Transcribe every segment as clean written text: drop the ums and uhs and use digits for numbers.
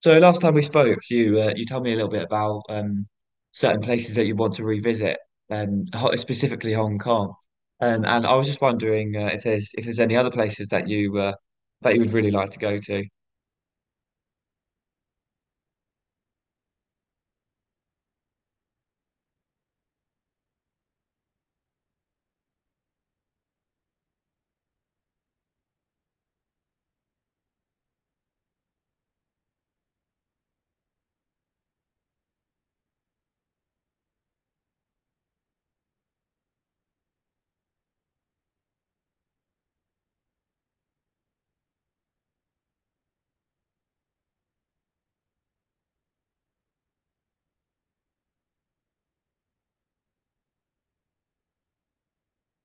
So last time we spoke, you told me a little bit about certain places that you want to revisit, specifically Hong Kong. And I was just wondering if there's any other places that you would really like to go to.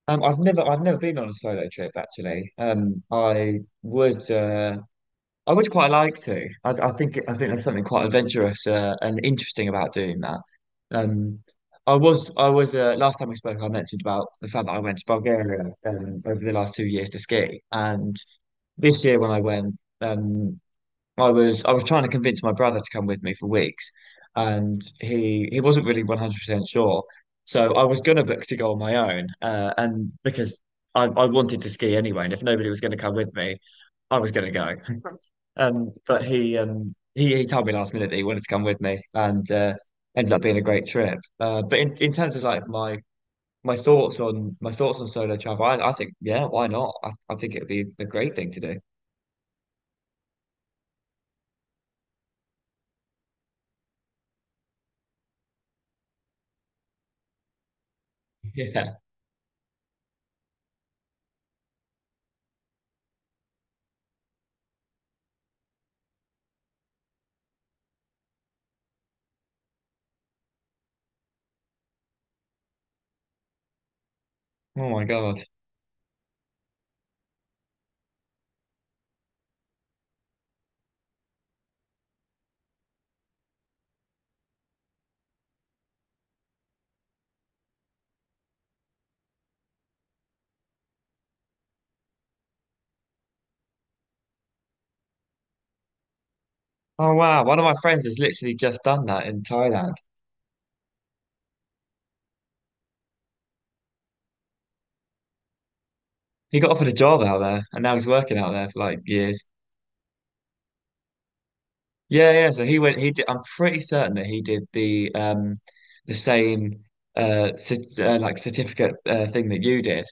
I've never been on a solo trip actually. I would. I would quite like to. I think there's something quite adventurous and interesting about doing that. Um, I was last time we spoke, I mentioned about the fact that I went to Bulgaria over the last 2 years to ski, and this year when I went, I was trying to convince my brother to come with me for weeks, and he wasn't really 100% sure. So I was gonna book to go on my own, and because I wanted to ski anyway, and if nobody was going to come with me, I was going to go. But he told me last minute that he wanted to come with me and ended up being a great trip. But in terms of like my thoughts on solo travel, I think yeah, why not? I think it would be a great thing to do. Yeah. Oh my God. Oh wow. One of my friends has literally just done that in Thailand. He got offered a job out there and now he's working out there for like years. Yeah, yeah. So he went. He did. I'm pretty certain that he did the same like certificate thing that you did.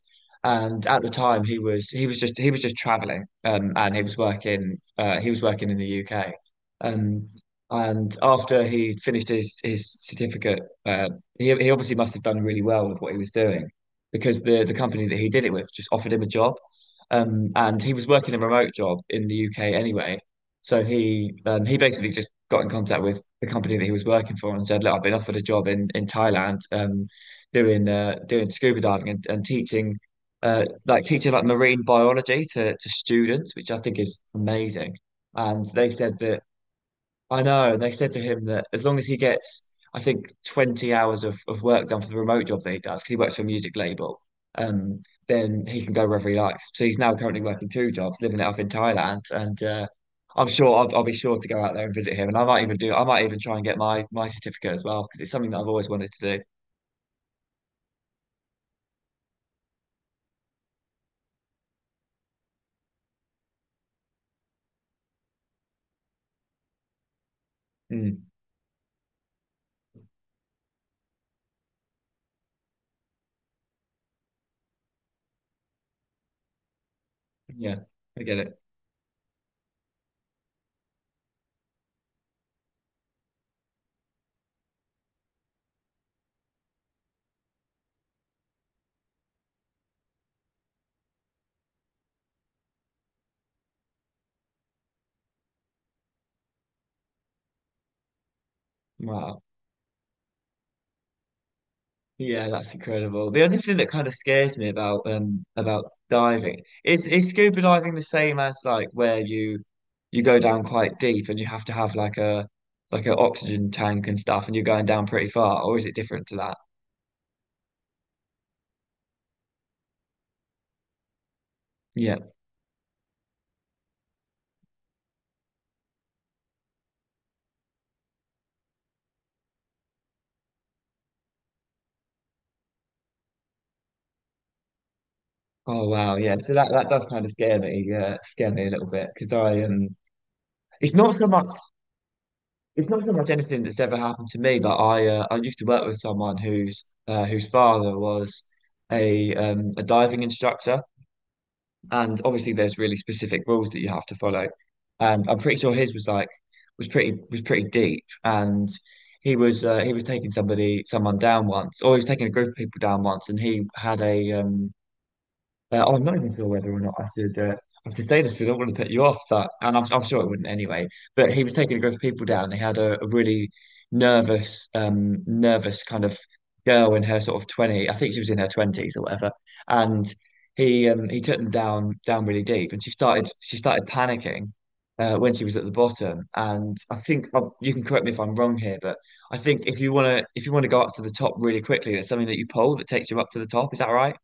And at the time, he was just traveling. And he was working. He was working in the UK. Um, and after he finished his certificate, uh, he obviously must have done really well with what he was doing because the company that he did it with just offered him a job. And he was working a remote job in the UK anyway, so he basically just got in contact with the company that he was working for and said, "Look, I've been offered a job in Thailand, doing doing scuba diving and teaching, like teaching like marine biology to students, which I think is amazing." And they said that, I know. And they said to him that as long as he gets, I think, 20 hours of work done for the remote job that he does, because he works for a music label, um, then he can go wherever he likes. So he's now currently working two jobs, living it up in Thailand. And I'm sure I'll be sure to go out there and visit him. And I might even do, I might even try and get my certificate as well, because it's something that I've always wanted to do. Mm, yeah, I get it. Wow. Yeah, that's incredible. The only thing that kind of scares me about diving, is scuba diving the same as like where you go down quite deep and you have to have like a like an oxygen tank and stuff and you're going down pretty far, or is it different to that? Yeah. Oh wow. Yeah. So that that does kind of scare me. Yeah, scare me a little bit because I it's not so much it's not so much anything that's ever happened to me, but I used to work with someone whose father was a diving instructor. And obviously there's really specific rules that you have to follow. And I'm pretty sure his was pretty deep. And he was taking somebody someone down once, or he was taking a group of people down once, and he had I'm not even sure whether or not I should. I should say this because I don't want to put you off, but I'm sure it wouldn't anyway. But he was taking a group of people down. They had a really nervous kind of girl in her sort of 20. I think she was in her twenties or whatever. And he took them down really deep, and she started panicking when she was at the bottom. And I think you can correct me if I'm wrong here, but I think if you want to go up to the top really quickly, there's something that you pull that takes you up to the top. Is that right?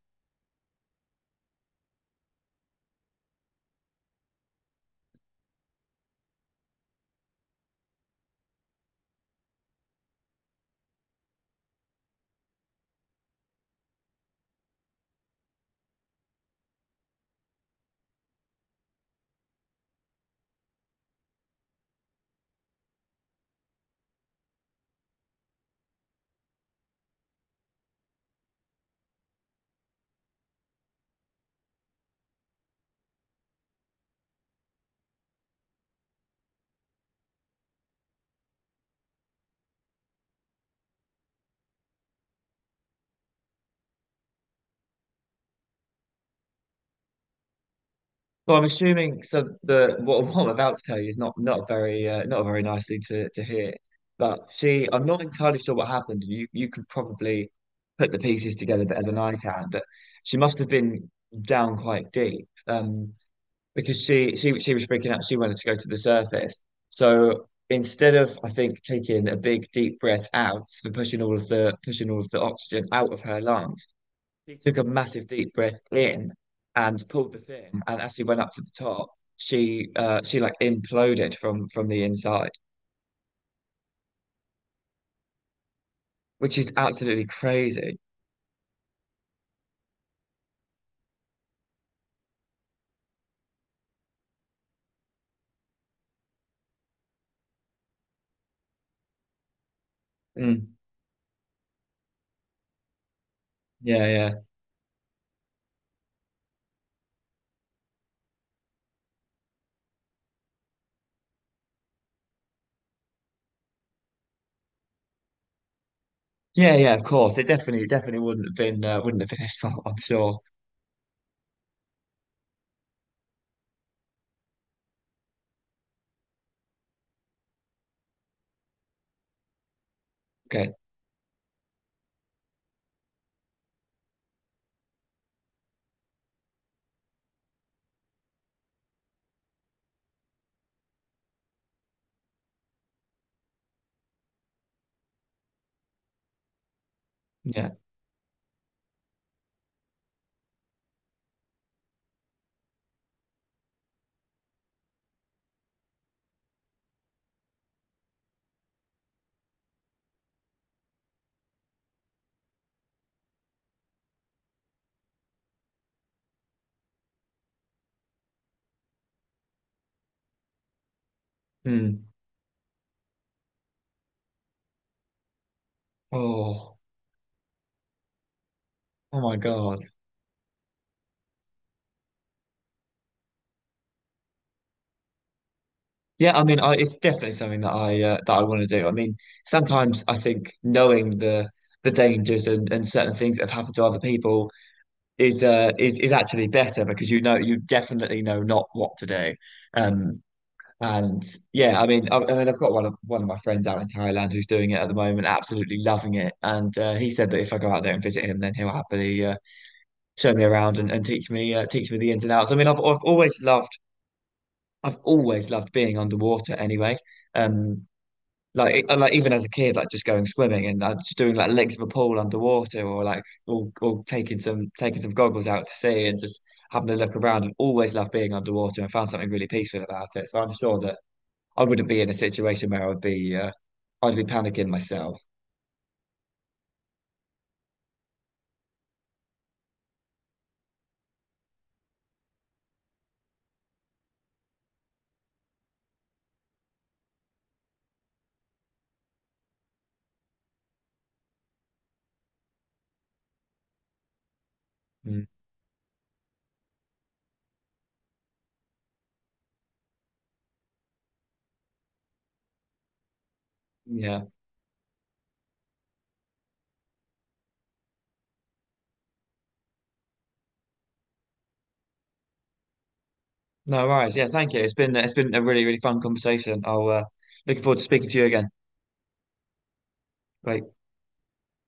Well, I'm assuming so. The what, what I'm about to tell you is not very not very nicely to hear. But she, I'm not entirely sure what happened. You could probably put the pieces together better than I can. But she must have been down quite deep, because she was freaking out. She wanted to go to the surface. So instead of, I think, taking a big deep breath out and pushing all of the pushing all of the oxygen out of her lungs, she took a massive deep breath in and pulled the thing. And as she went up to the top, she like imploded from the inside, which is absolutely crazy. Mm, yeah, yeah, yeah. Of course, it definitely wouldn't have been his fault, I'm sure. Okay. Yeah. Mm. Oh. Oh my God. Yeah. I mean, it's definitely something that I want to do. I mean, sometimes I think knowing the dangers and certain things that have happened to other people is is actually better because you know you definitely know not what to do. Um and yeah, I mean I've got one of my friends out in Thailand who's doing it at the moment, absolutely loving it. And he said that if I go out there and visit him, then he'll happily show me around and teach me the ins and outs. I mean I've always loved being underwater anyway. Um like, like even as a kid, like just going swimming and just doing like legs of a pool underwater, or taking some goggles out to sea and just having a look around. I've always loved being underwater and found something really peaceful about it. So I'm sure that I wouldn't be in a situation where I'd be panicking myself. Mm. Yeah. No worries. Yeah. Thank you. It's been a really really fun conversation. I'll looking forward to speaking to you again. Bye.